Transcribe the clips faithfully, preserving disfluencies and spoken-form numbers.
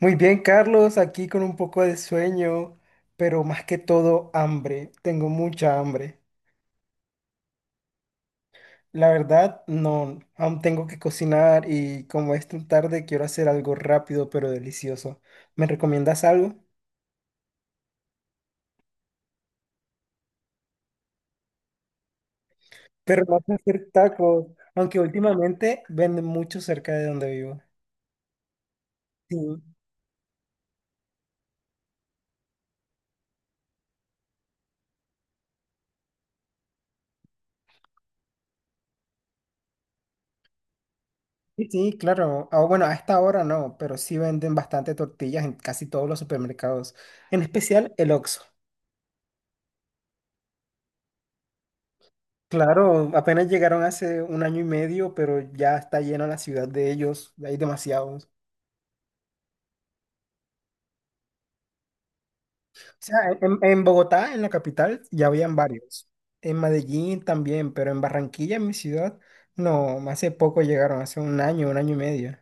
Muy bien, Carlos, aquí con un poco de sueño, pero más que todo hambre. Tengo mucha hambre. La verdad, no, aún tengo que cocinar y como es tan tarde, quiero hacer algo rápido pero delicioso. ¿Me recomiendas algo? Pero no sé hacer tacos, aunque últimamente venden mucho cerca de donde vivo. Sí, sí, sí, claro. Ah, bueno, a esta hora no, pero sí venden bastante tortillas en casi todos los supermercados, en especial el Oxxo. Claro, apenas llegaron hace un año y medio, pero ya está llena la ciudad de ellos, hay demasiados. O sea, en, en Bogotá, en la capital, ya habían varios. En Medellín también, pero en Barranquilla, en mi ciudad, no, hace poco llegaron, hace un año, un año y medio.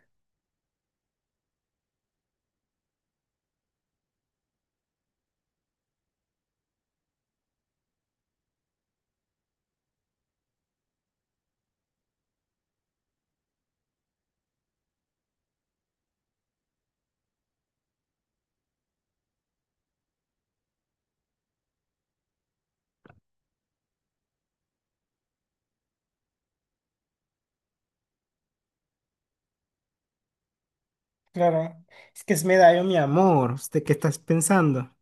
Claro, es que es Medallo, mi amor, ¿usted qué estás pensando?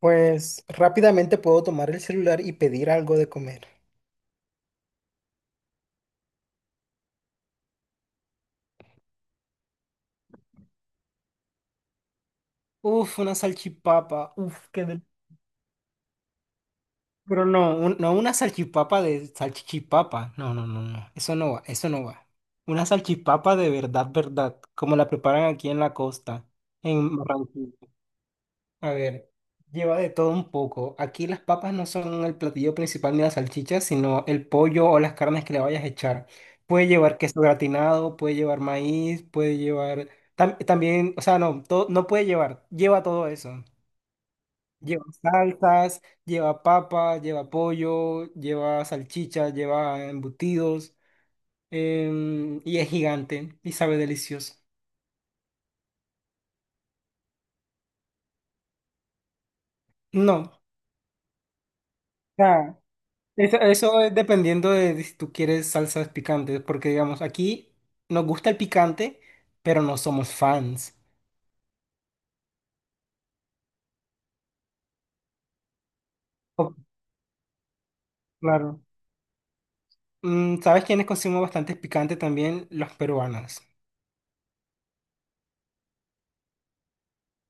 Pues rápidamente puedo tomar el celular y pedir algo de comer. Uf, una salchipapa, uf, qué Pero no, un- no una salchipapa de salchichipapa. No, no, no, no. Eso no va, eso no va. Una salchipapa de verdad, verdad, como la preparan aquí en la costa, en Barranquilla. A ver, lleva de todo un poco. Aquí las papas no son el platillo principal ni las salchichas, sino el pollo o las carnes que le vayas a echar. Puede llevar queso gratinado, puede llevar maíz, puede llevar… tam- también, o sea, no, todo, no puede llevar. Lleva todo eso. Lleva salsas, lleva papa, lleva pollo, lleva salchicha, lleva embutidos, em, y es gigante y sabe delicioso. No, ah, eso, eso es dependiendo de, de si tú quieres salsas picantes, porque digamos, aquí nos gusta el picante, pero no somos fans. Oh, claro. Mm, ¿sabes quiénes consumen bastante picante también? Los peruanos.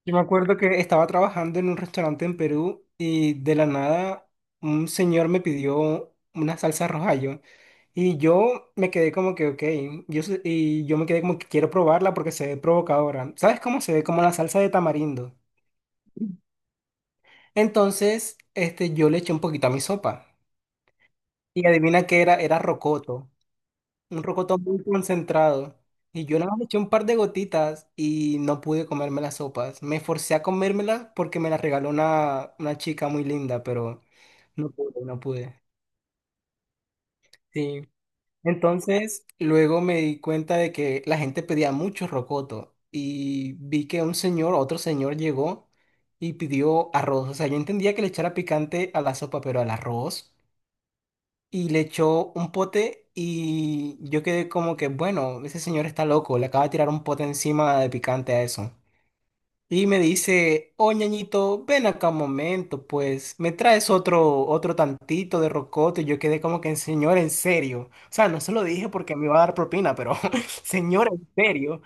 Yo me acuerdo que estaba trabajando en un restaurante en Perú y de la nada un señor me pidió una salsa rojayo y yo me quedé como que, ok, yo, sé- y yo me quedé como que quiero probarla porque se ve provocadora. ¿Sabes cómo se ve? Como la salsa de tamarindo. Entonces, este, yo le eché un poquito a mi sopa y adivina qué era, era rocoto. Un rocotón muy concentrado. Y yo nada más le eché un par de gotitas y no pude comerme las sopas. Me forcé a comérmelas porque me las regaló una, una chica muy linda, pero no pude, no pude. Sí. Entonces, luego me di cuenta de que la gente pedía mucho rocoto y vi que un señor, otro señor llegó y pidió arroz. O sea, yo entendía que le echara picante a la sopa, pero al arroz. Y le echó un pote y yo quedé como que, bueno, ese señor está loco, le acaba de tirar un pote encima de picante a eso. Y me dice, oh ñañito, ven acá un momento, pues, me traes otro, otro tantito de rocoto. Y yo quedé como que, señor, en serio. O sea, no se lo dije porque me iba a dar propina, pero, señor, en serio.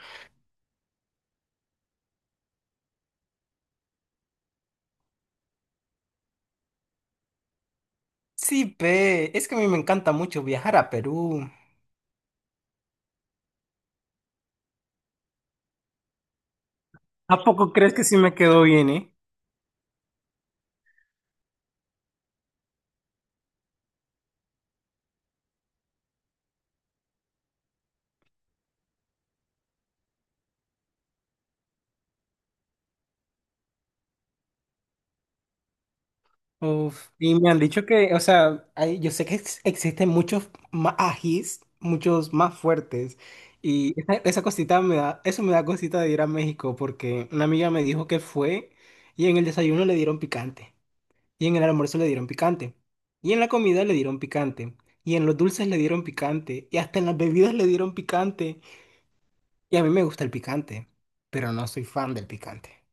Sí, pe, es que a mí me encanta mucho viajar a Perú. ¿A poco crees que sí me quedó bien, eh? Uf, y me han dicho que, o sea, hay- yo sé que ex- existen muchos más ajís, muchos más fuertes. Y esa, esa cosita me da, eso me da cosita de ir a México porque una amiga me dijo que fue y en el desayuno le dieron picante. Y en el almuerzo le dieron picante. Y en la comida le dieron picante. Y en los dulces le dieron picante. Y hasta en las bebidas le dieron picante. Y a mí me gusta el picante, pero no soy fan del picante.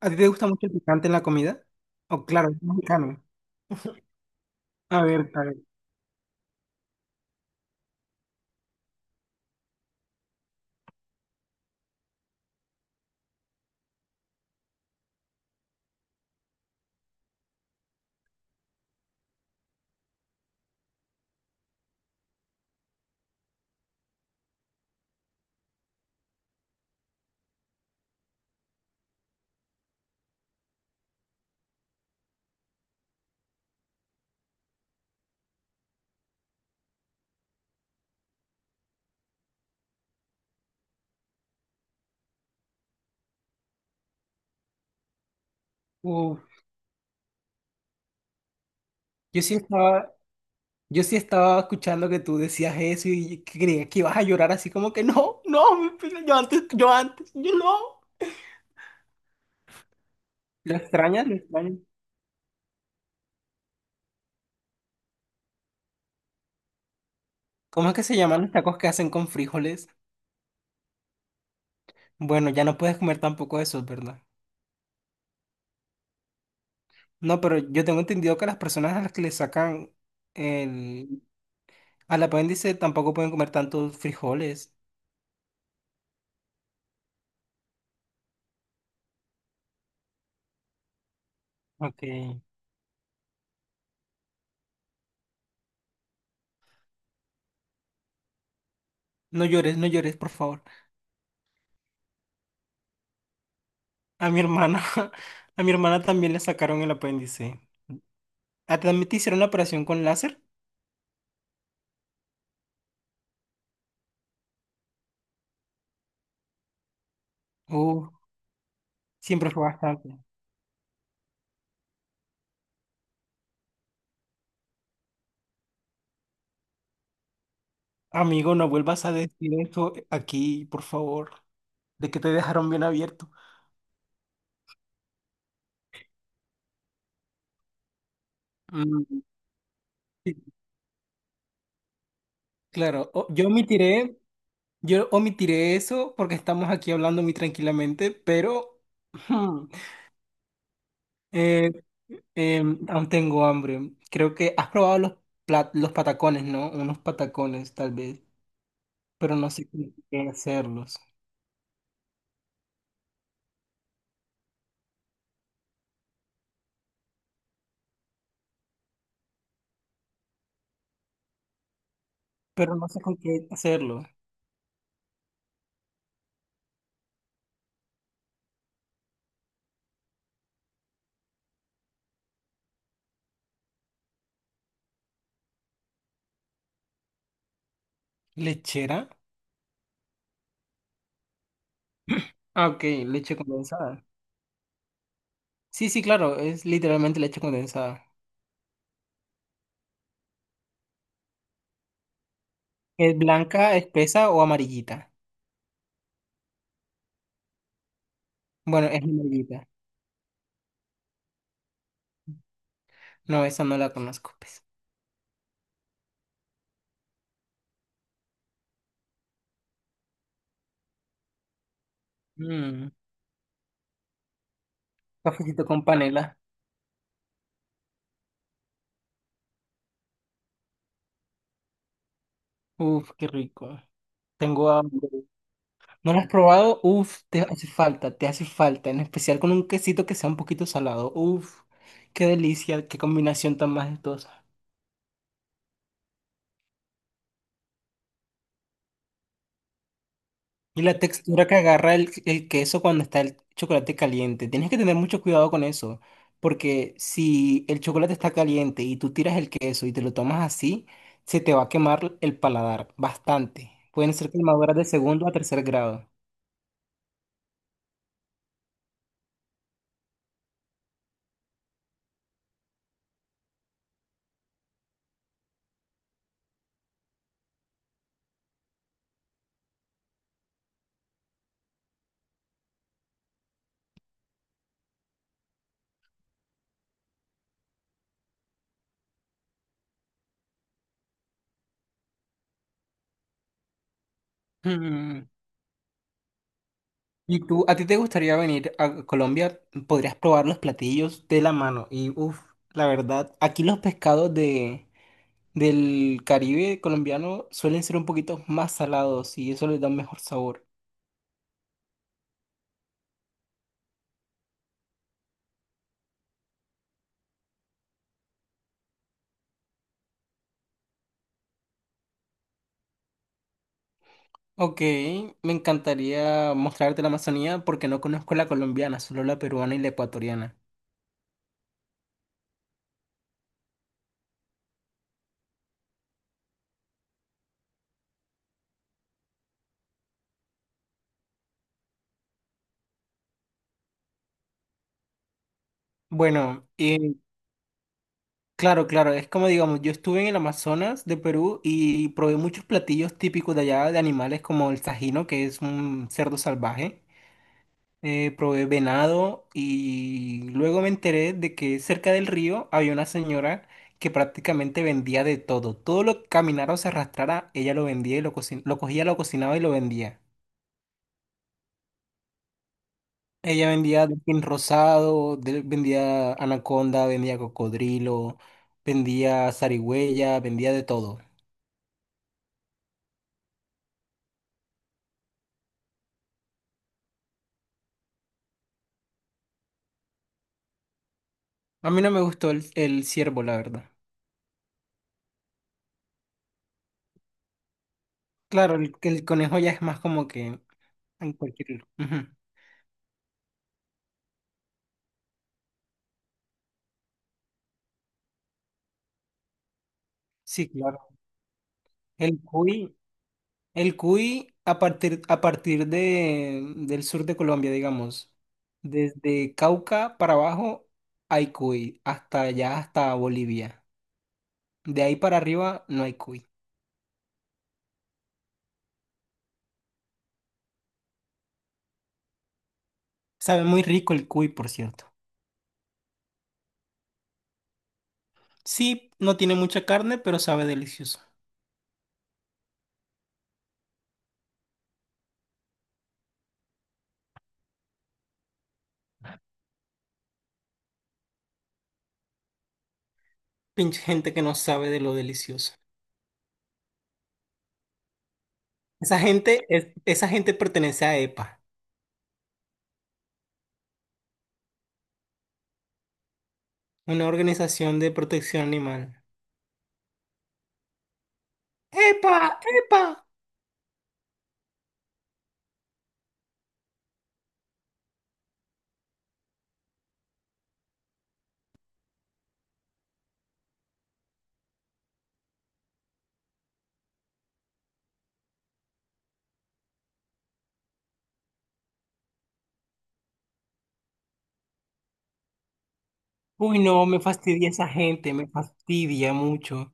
¿A ti te gusta mucho el picante en la comida? Oh, claro, es mexicano. A ver, a ver. Uh, yo sí estaba, yo sí estaba escuchando que tú decías eso y creía que ibas a llorar así como que no, no, mi pila, yo antes, yo antes, yo no. Lo extrañas, lo extrañas. ¿Cómo es que se llaman los tacos que hacen con frijoles? Bueno, ya no puedes comer tampoco eso, ¿verdad? No, pero yo tengo entendido que las personas a las que le sacan el, al apéndice tampoco pueden comer tantos frijoles. Ok. No llores, no llores, por favor. A mi hermana, a mi hermana también le sacaron el apéndice. ¿A ti también te hicieron una operación con láser? Uh, siempre fue bastante. Amigo, no vuelvas a decir esto aquí, por favor, de que te dejaron bien abierto. Mm, sí, claro, o- yo omitiré, yo omitiré eso porque estamos aquí hablando muy tranquilamente, pero hmm, eh, em, aún tengo hambre. Creo que has probado los, plat- los patacones, ¿no? Unos patacones, tal vez, pero no sé con qué hacerlos. Pero no sé con qué hacerlo. ¿Lechera? Ah, ok, leche condensada. Sí, sí, claro, es literalmente leche condensada. ¿Es blanca, espesa o amarillita? Bueno, es amarillita. No, esa no la conozco, pues. Mm, cafecito con panela. Uf, qué rico. Tengo hambre. ¿No lo has probado? Uf, te hace falta, te hace falta. En especial con un quesito que sea un poquito salado. Uf, qué delicia, qué combinación tan majestuosa. Y la textura que agarra el, el queso cuando está el chocolate caliente. Tienes que tener mucho cuidado con eso, porque si el chocolate está caliente y tú tiras el queso y te lo tomas así, se te va a quemar el paladar bastante. Pueden ser quemaduras de segundo a tercer grado. Mm. Y tú, ¿a ti te gustaría venir a Colombia? Podrías probar los platillos de la mano. Y uff, la verdad, aquí los pescados de, del Caribe colombiano suelen ser un poquito más salados y eso les da un mejor sabor. Ok, me encantaría mostrarte la Amazonía porque no conozco la colombiana, solo la peruana y la ecuatoriana. Bueno, eh, claro, claro, es como digamos, yo estuve en el Amazonas de Perú y probé muchos platillos típicos de allá de animales como el sajino, que es un cerdo salvaje. Eh, probé venado y luego me enteré de que cerca del río había una señora que prácticamente vendía de todo. Todo lo que caminara o se arrastrara, ella lo vendía y lo, cocin- lo cogía, lo cocinaba y lo vendía. Ella vendía delfín rosado, del- vendía anaconda, vendía cocodrilo, vendía zarigüeya, vendía de todo. A mí no me gustó el, el ciervo, la verdad. Claro, el, el conejo ya es más como que en cualquier… lugar. Ujú. Sí, claro. El cuy, el cuy a partir, a partir de, del sur de Colombia, digamos, desde Cauca para abajo hay cuy, hasta allá, hasta Bolivia. De ahí para arriba no hay cuy. Sabe muy rico el cuy, por cierto. Sí, no tiene mucha carne, pero sabe delicioso. Pinche gente que no sabe de lo delicioso. Esa gente, es- esa gente pertenece a EPA, una organización de protección animal. ¡EPA! ¡EPA! Uy, no, me fastidia esa gente, me fastidia mucho.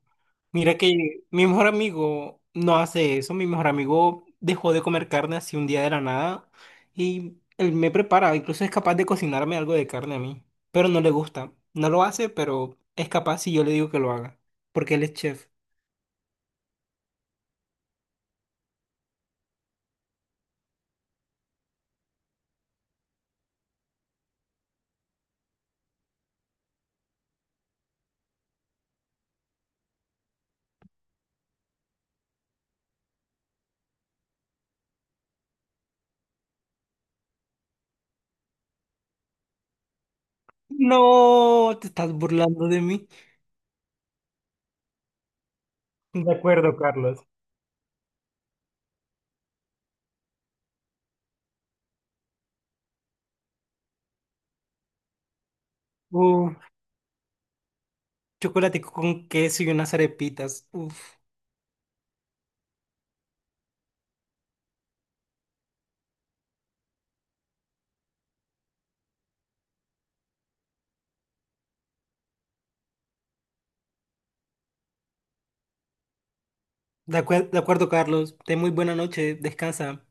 Mira que mi mejor amigo no hace eso, mi mejor amigo dejó de comer carne así un día de la nada y él me prepara, incluso es capaz de cocinarme algo de carne a mí, pero no le gusta, no lo hace, pero es capaz si yo le digo que lo haga, porque él es chef. No, te estás burlando de mí. De acuerdo, Carlos. Uf, chocolate con queso y unas arepitas. Uf. De acuer- de acuerdo, Carlos. Ten muy buena noche. Descansa.